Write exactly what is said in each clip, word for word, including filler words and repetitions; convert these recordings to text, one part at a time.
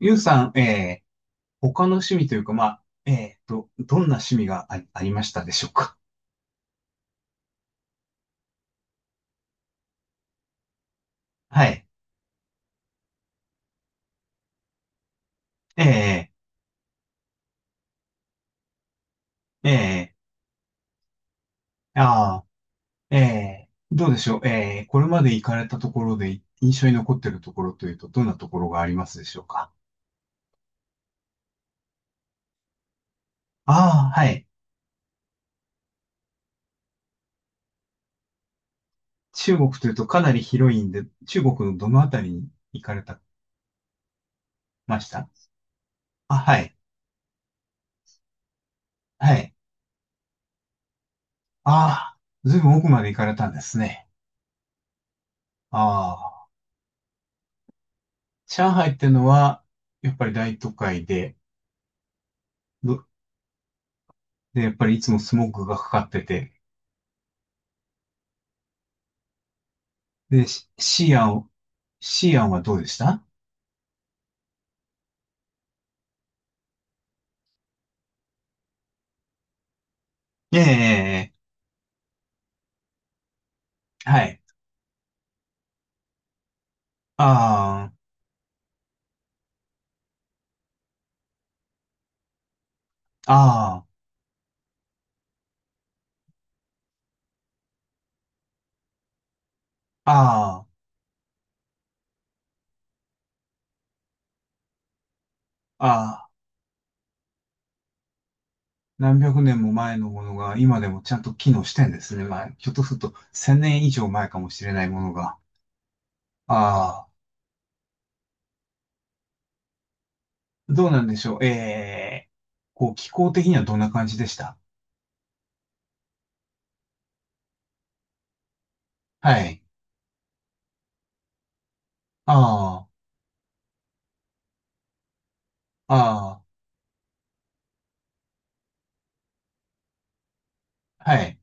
ゆうさん、えー、他の趣味というか、まあ、えーと、どんな趣味があり、ありましたでしょうか？はい。えー、えー、あー、えー、どうでしょうえー、これまで行かれたところで印象に残っているところというと、どんなところがありますでしょうか？ああー、はい。中国というとかなり広いんで、中国のどのあたりに行かれた、ました？あ、はい。はい。ああ、ずいぶん奥まで行かれたんですね。ああ、上海ってのは、やっぱり大都会で、ど、で、やっぱりいつもスモークがかかってて。で、シシアン、シアンはどうでした？ええ、はい。ああ、ああ、ああ、ああ、何百年も前のものが今でもちゃんと機能してんですね。まあ、ひょっとすると千年以上前かもしれないものが。ああ、どうなんでしょう。ええ、こう、気候的にはどんな感じでした？はい。ああ、ああ、はい。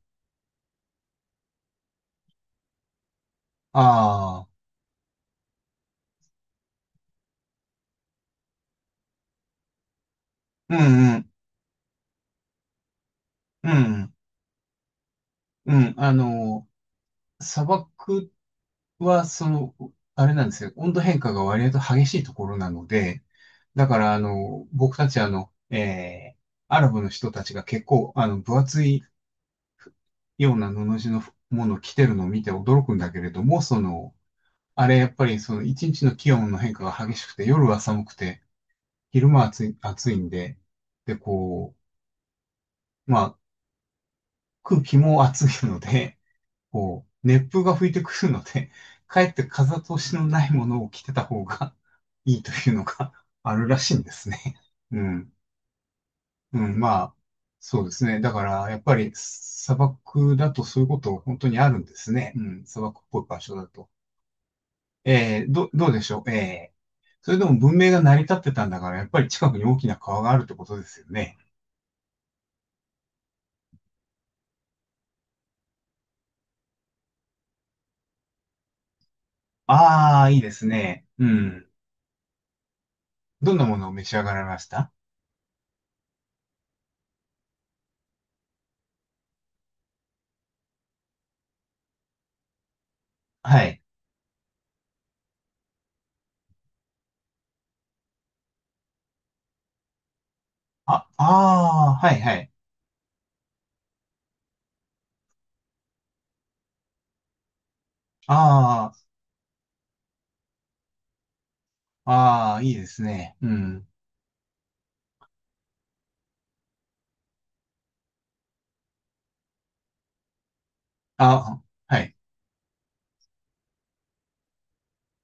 ああ、うんうん、うん、うん、あの、砂漠は、その、あれなんですよ。温度変化が割と激しいところなので、だから、あの、僕たち、あの、えー、アラブの人たちが結構、あの、分厚いような布地のものを着てるのを見て驚くんだけれども、その、あれ、やっぱり、その、一日の気温の変化が激しくて、夜は寒くて、昼間は暑い、暑いんで、で、こう、まあ、空気も暑いので、こう、熱風が吹いてくるので、かえって風通しのないものを着てた方が いいというのが あるらしいんですね。うん。うん、まあ、そうですね。だから、やっぱり砂漠だとそういうこと本当にあるんですね。うん、砂漠っぽい場所だと。えー、ど、どうでしょう。えー、それでも文明が成り立ってたんだから、やっぱり近くに大きな川があるってことですよね。ああ、いいですね。うん。どんなものを召し上がられました？はい。あ、ああ、はいはい。ああ、ああ、いいですね。うん。あ、はい。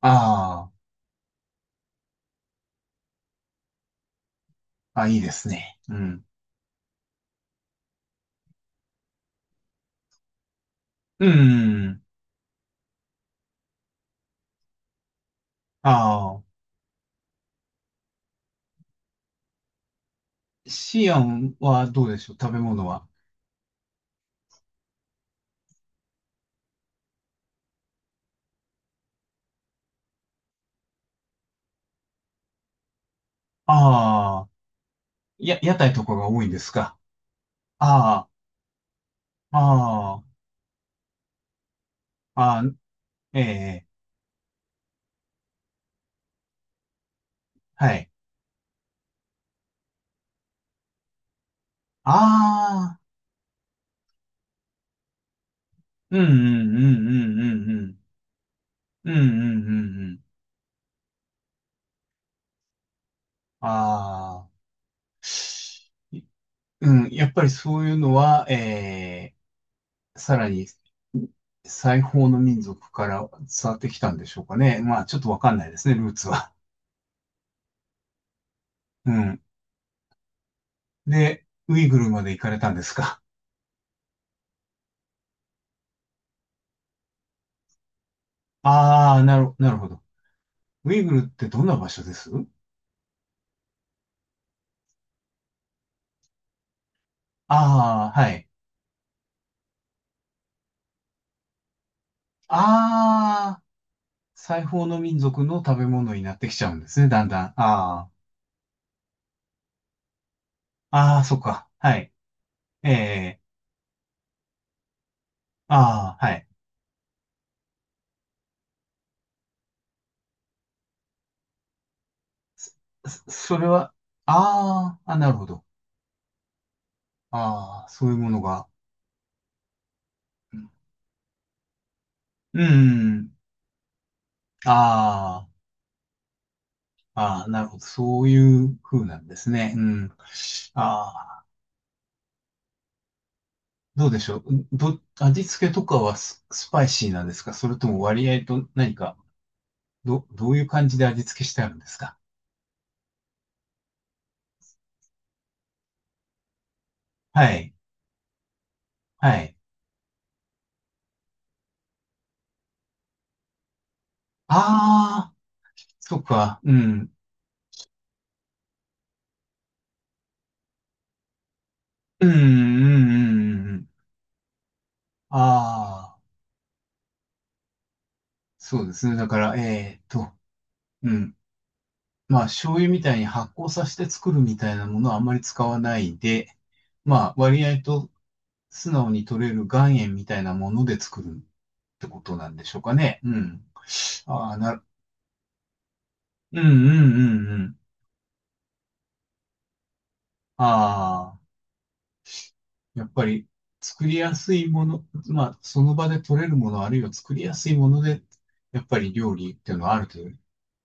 ああ、あ、いいですね。うん。うん。ああ、シアンはどうでしょう、食べ物は。ああ、や、屋台とかが多いんですか？ああ、ああ、ああ、ええ、はい。ああ、うんうんうんうんうんうん。うんうんうんうん。ああ、いうん、やっぱりそういうのは、ええ、さらに西方の民族から伝わってきたんでしょうかね。まあ、ちょっとわかんないですね、ルーツは。うん。で、ウイグルまで行かれたんですか？ああ、なる、なるほど。ウイグルってどんな場所です？ああー、はい。ああ、西方の民族の食べ物になってきちゃうんですね、だんだん。ああ、ああ、そっか。はい。ええ、ああ、はい。そそれは、ああ、あ、なるほど。ああ、そういうものが。うん、ああ。ああ、なるほど。そういう風なんですね。うん。ああ、どうでしょう。ど、味付けとかはス、スパイシーなんですか？それとも割合と何か、ど、どういう感じで味付けしてあるんですか？はい。はい。ああ、そっか。うん。うん、うん、うん。うん。ああ、そうですね。だから、えーと、うん。まあ、醤油みたいに発酵させて作るみたいなものはあんまり使わないで、まあ、割合と素直に取れる岩塩みたいなもので作るってことなんでしょうかね。うん。ああ、なうんうんうんうん。ああ、やっぱり作りやすいもの、まあ、その場で取れるもの、あるいは作りやすいもので、やっぱり料理っていうのはある程度、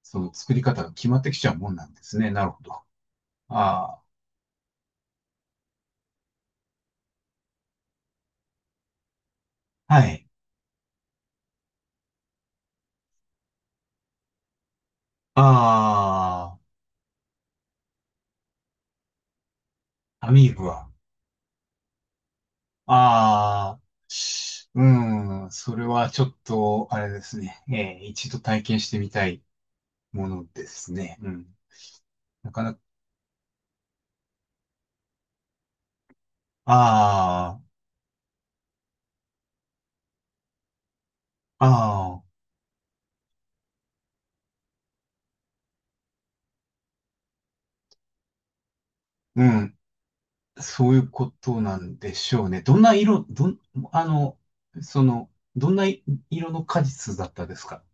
その作り方が決まってきちゃうもんなんですね。なるほど。ああ、はい。ああ、アミーブは。ああ、うん、それはちょっと、あれですね。えー一度体験してみたいものですね。うん。なかなか、ああ、ああ、うん。そういうことなんでしょうね。どんな色、どん、あの、その、どんな色の果実だったですか？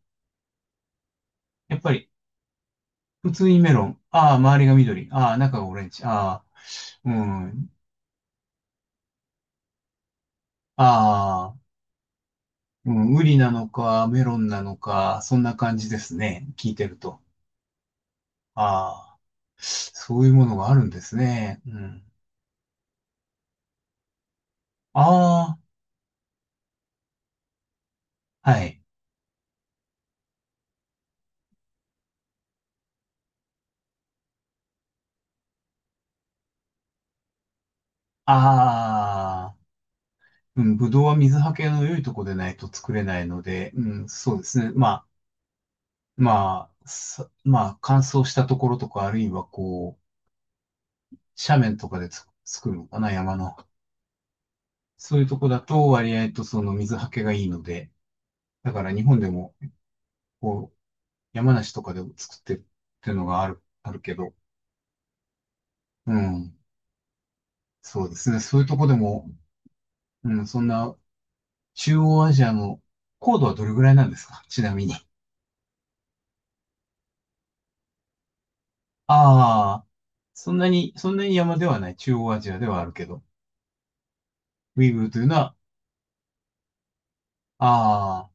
やっぱり、普通にメロン。ああ、周りが緑。ああ、中がオレンジ。ああ、うん。ああ、うん、ウリなのか、メロンなのか、そんな感じですね。聞いてると。ああ、そういうものがあるんですね。うん。ああ、はい。ああ、うん、ぶどうは水はけの良いとこでないと作れないので、うん、そうですね。まあ、まあ、さまあ、乾燥したところとか、あるいはこう、斜面とかでつ作るのかな、山の。そういうとこだと割合とその水はけがいいので、だから日本でも、こう、山梨とかでも作ってるっていうのがある、あるけど、うん、そうですね。そういうとこでも、うん、そんな中央アジアの高度はどれぐらいなんですか？ちなみに。ああ、そんなに、そんなに山ではない。中央アジアではあるけど。ウイグルというのは、あ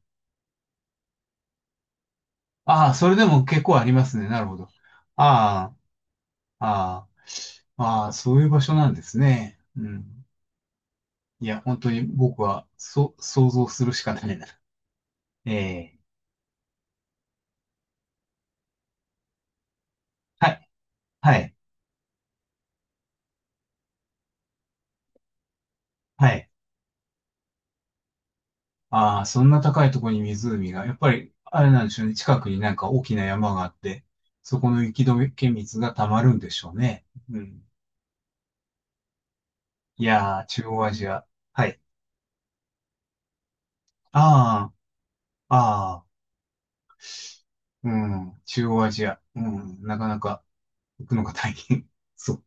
あ、ああ、それでも結構ありますね。なるほど。ああ、ああ、ああ、そういう場所なんですね。うん。いや、本当に僕は、そ、想像するしかないな。ええ、はい、はい、はい。ああ、そんな高いところに湖が、やっぱり、あれなんでしょうね。近くになんか大きな山があって、そこの雪解け水が溜まるんでしょうね。うん。いやー、中央アジア。はい。ああ、ああ、うん、中央アジア。うん、なかなか行くのが大変。そう